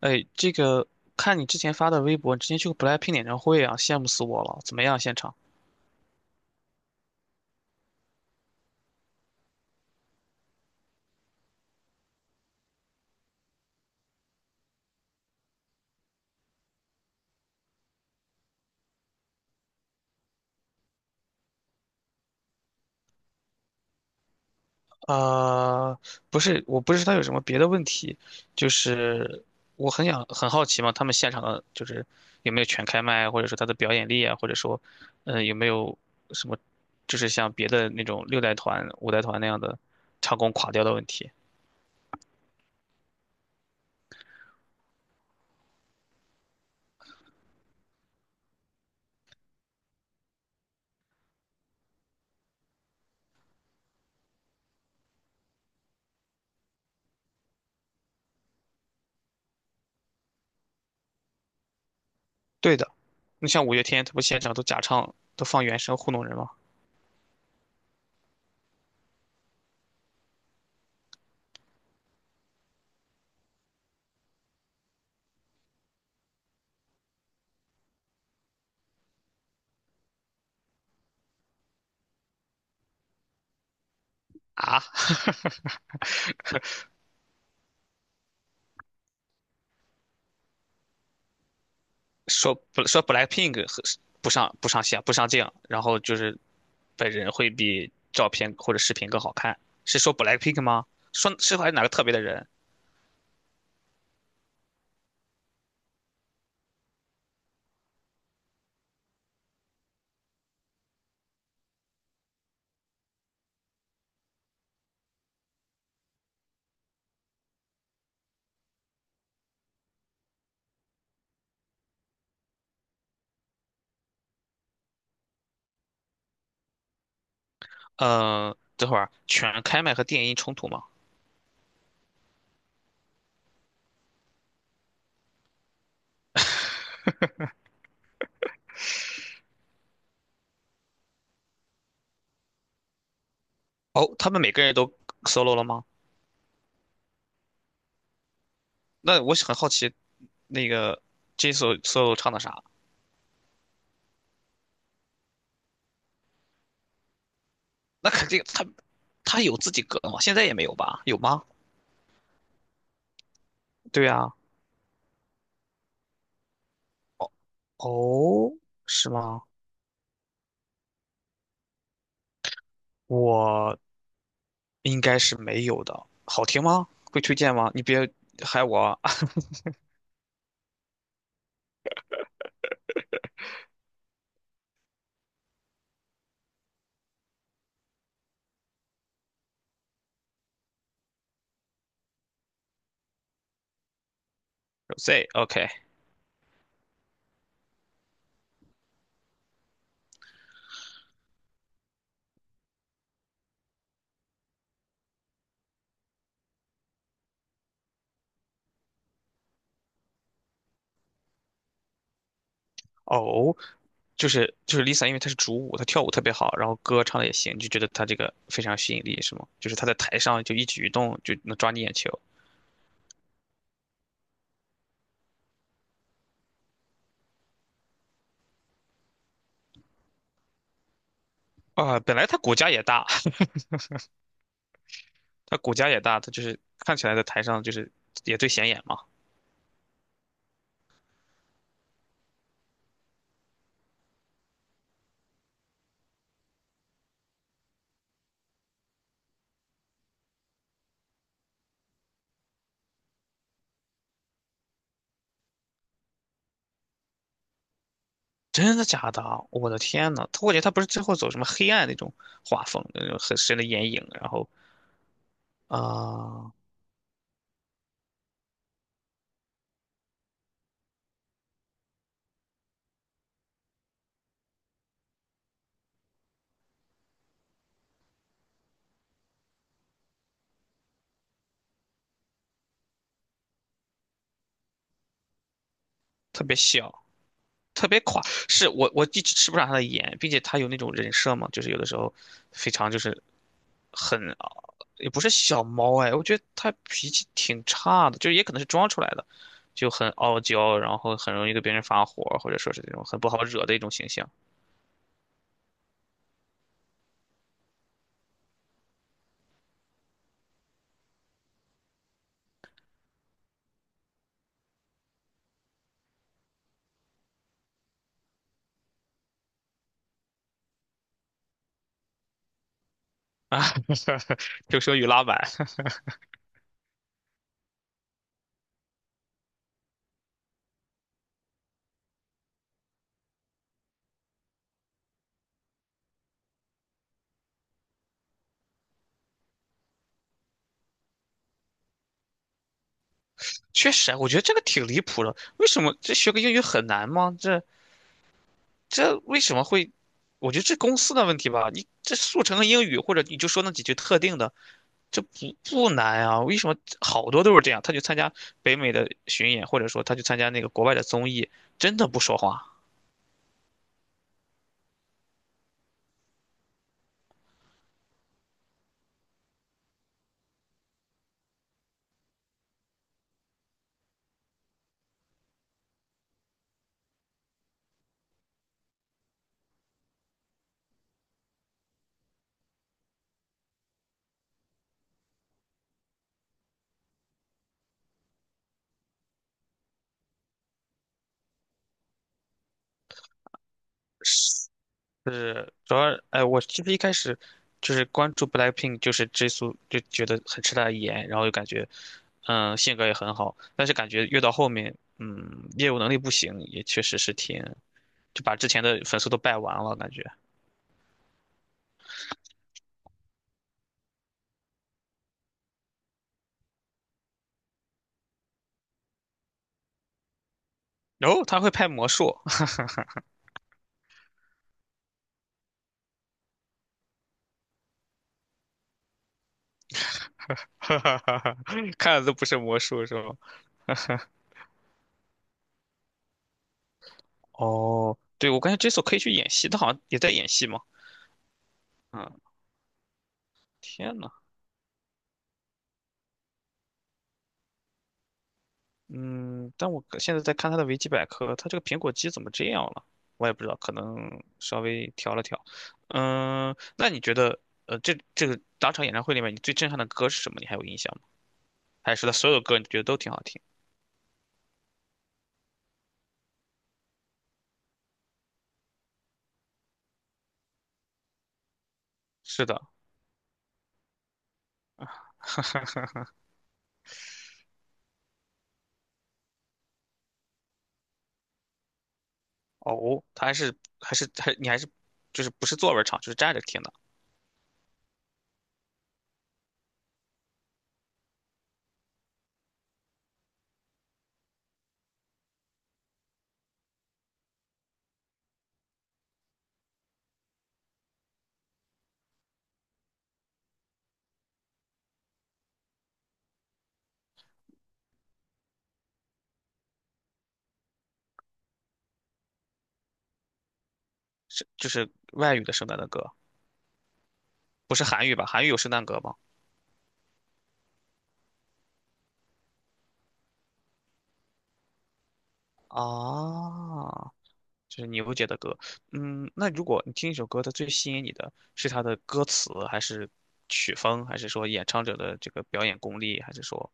哎，这个看你之前发的微博，你之前去过 BLACKPINK 演唱会啊，羡慕死我了！怎么样，现场？呃，不是，我不是有什么别的问题，就是我很想很好奇嘛，他们现场的就是有没有全开麦，或者说他的表演力啊，或者说，有没有什么，就是像别的那种六代团、五代团那样的唱功垮掉的问题？对的，你像五月天，他不现场都假唱，都放原声糊弄人吗？啊，说不说 BLACKPINK 和不上线不上镜，然后就是本人会比照片或者视频更好看，是说 BLACKPINK 吗？说是还是哪个特别的人？嗯，等会儿全开麦和电音冲突吗？哦，他们每个人都 solo 了吗？那我很好奇，那个 Jisoo solo 唱的啥？那肯定他有自己歌吗？现在也没有吧？有吗？对啊，哦，是吗？我应该是没有的。好听吗？会推荐吗？你别害我啊 Zook 哦，就是 Lisa，因为她是主舞，她跳舞特别好，然后歌唱的也行，你就觉得她这个非常有吸引力，是吗？就是她在台上就一举一动就能抓你眼球啊、本来她骨架也大，她骨架也大，她就是看起来在台上就是也最显眼嘛。真的假的啊？我的天呐，她我觉得她不是最后走什么黑暗那种画风，那种很深的眼影，然后啊、特别小，特别垮，是我一直吃不上他的颜，并且他有那种人设嘛，就是有的时候非常就是很啊也不是小猫哎，我觉得他脾气挺差的，就是也可能是装出来的，就很傲娇，然后很容易跟别人发火，或者说是那种很不好惹的一种形象啊，就说语拉满，确实啊我觉得这个挺离谱的，为什么这学个英语很难吗？这为什么会？我觉得这公司的问题吧，你这速成个英语，或者你就说那几句特定的。这不难啊，为什么好多都是这样？他去参加北美的巡演，或者说他去参加那个国外的综艺，真的不说话。是，主要，哎，我其实一开始就是关注 BLACKPINK，就是 Jisoo，就觉得很吃他的颜，然后就感觉，嗯，性格也很好，但是感觉越到后面，嗯，业务能力不行，也确实是挺，就把之前的粉丝都败完了感觉。然后他会拍魔术，哈哈哈哈，看的都不是魔术是吗？哦，对，我感觉 Jiso 可以去演戏，他好像也在演戏嘛。嗯，天呐，嗯，但我可现在在看他的维基百科，他这个苹果肌怎么这样了？我也不知道，可能稍微调了调。嗯，那你觉得，这个当场演唱会里面，你最震撼的歌是什么？你还有印象吗？还是他所有歌你觉得都挺好听？是的，哦，他还是还是还你还是就是不是坐着唱，就是站着听的，是就是外语的圣诞的歌，不是韩语吧？韩语有圣诞歌吗？啊，就是你不觉得歌，嗯，那如果你听一首歌，它最吸引你的是它的歌词，还是曲风，还是说演唱者的这个表演功力，还是说，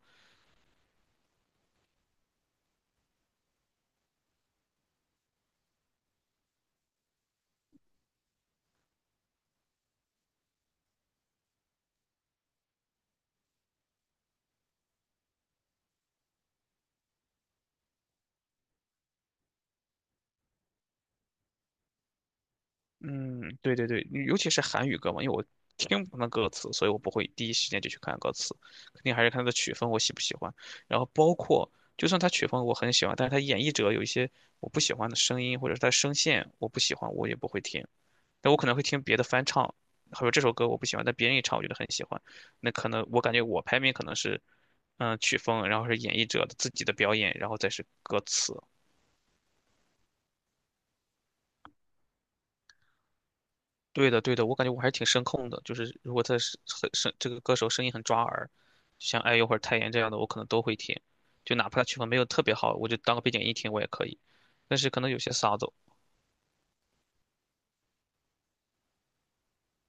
嗯，对对对，尤其是韩语歌嘛，因为我听不懂歌词，所以我不会第一时间就去看歌词，肯定还是看它的曲风我喜不喜欢，然后包括就算它曲风我很喜欢，但是它演绎者有一些我不喜欢的声音，或者是它声线我不喜欢，我也不会听。但我可能会听别的翻唱，或者这首歌我不喜欢，但别人一唱我觉得很喜欢，那可能我感觉我排名可能是，嗯，曲风，然后是演绎者的自己的表演，然后再是歌词。对的，对的，我感觉我还是挺声控的，就是如果他是很声，这个歌手声音很抓耳，就像哎呦或者泰妍这样的，我可能都会听，就哪怕他曲风没有特别好，我就当个背景音听我也可以。但是可能有些嗓子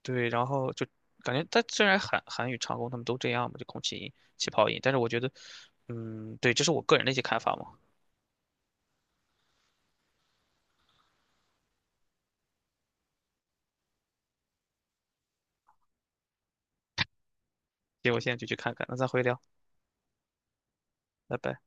对，然后就感觉它虽然韩语唱功他们都这样嘛，就空气音、气泡音，但是我觉得，嗯，对，这是我个人的一些看法嘛。行，我现在就去看看，那咱回聊，拜拜。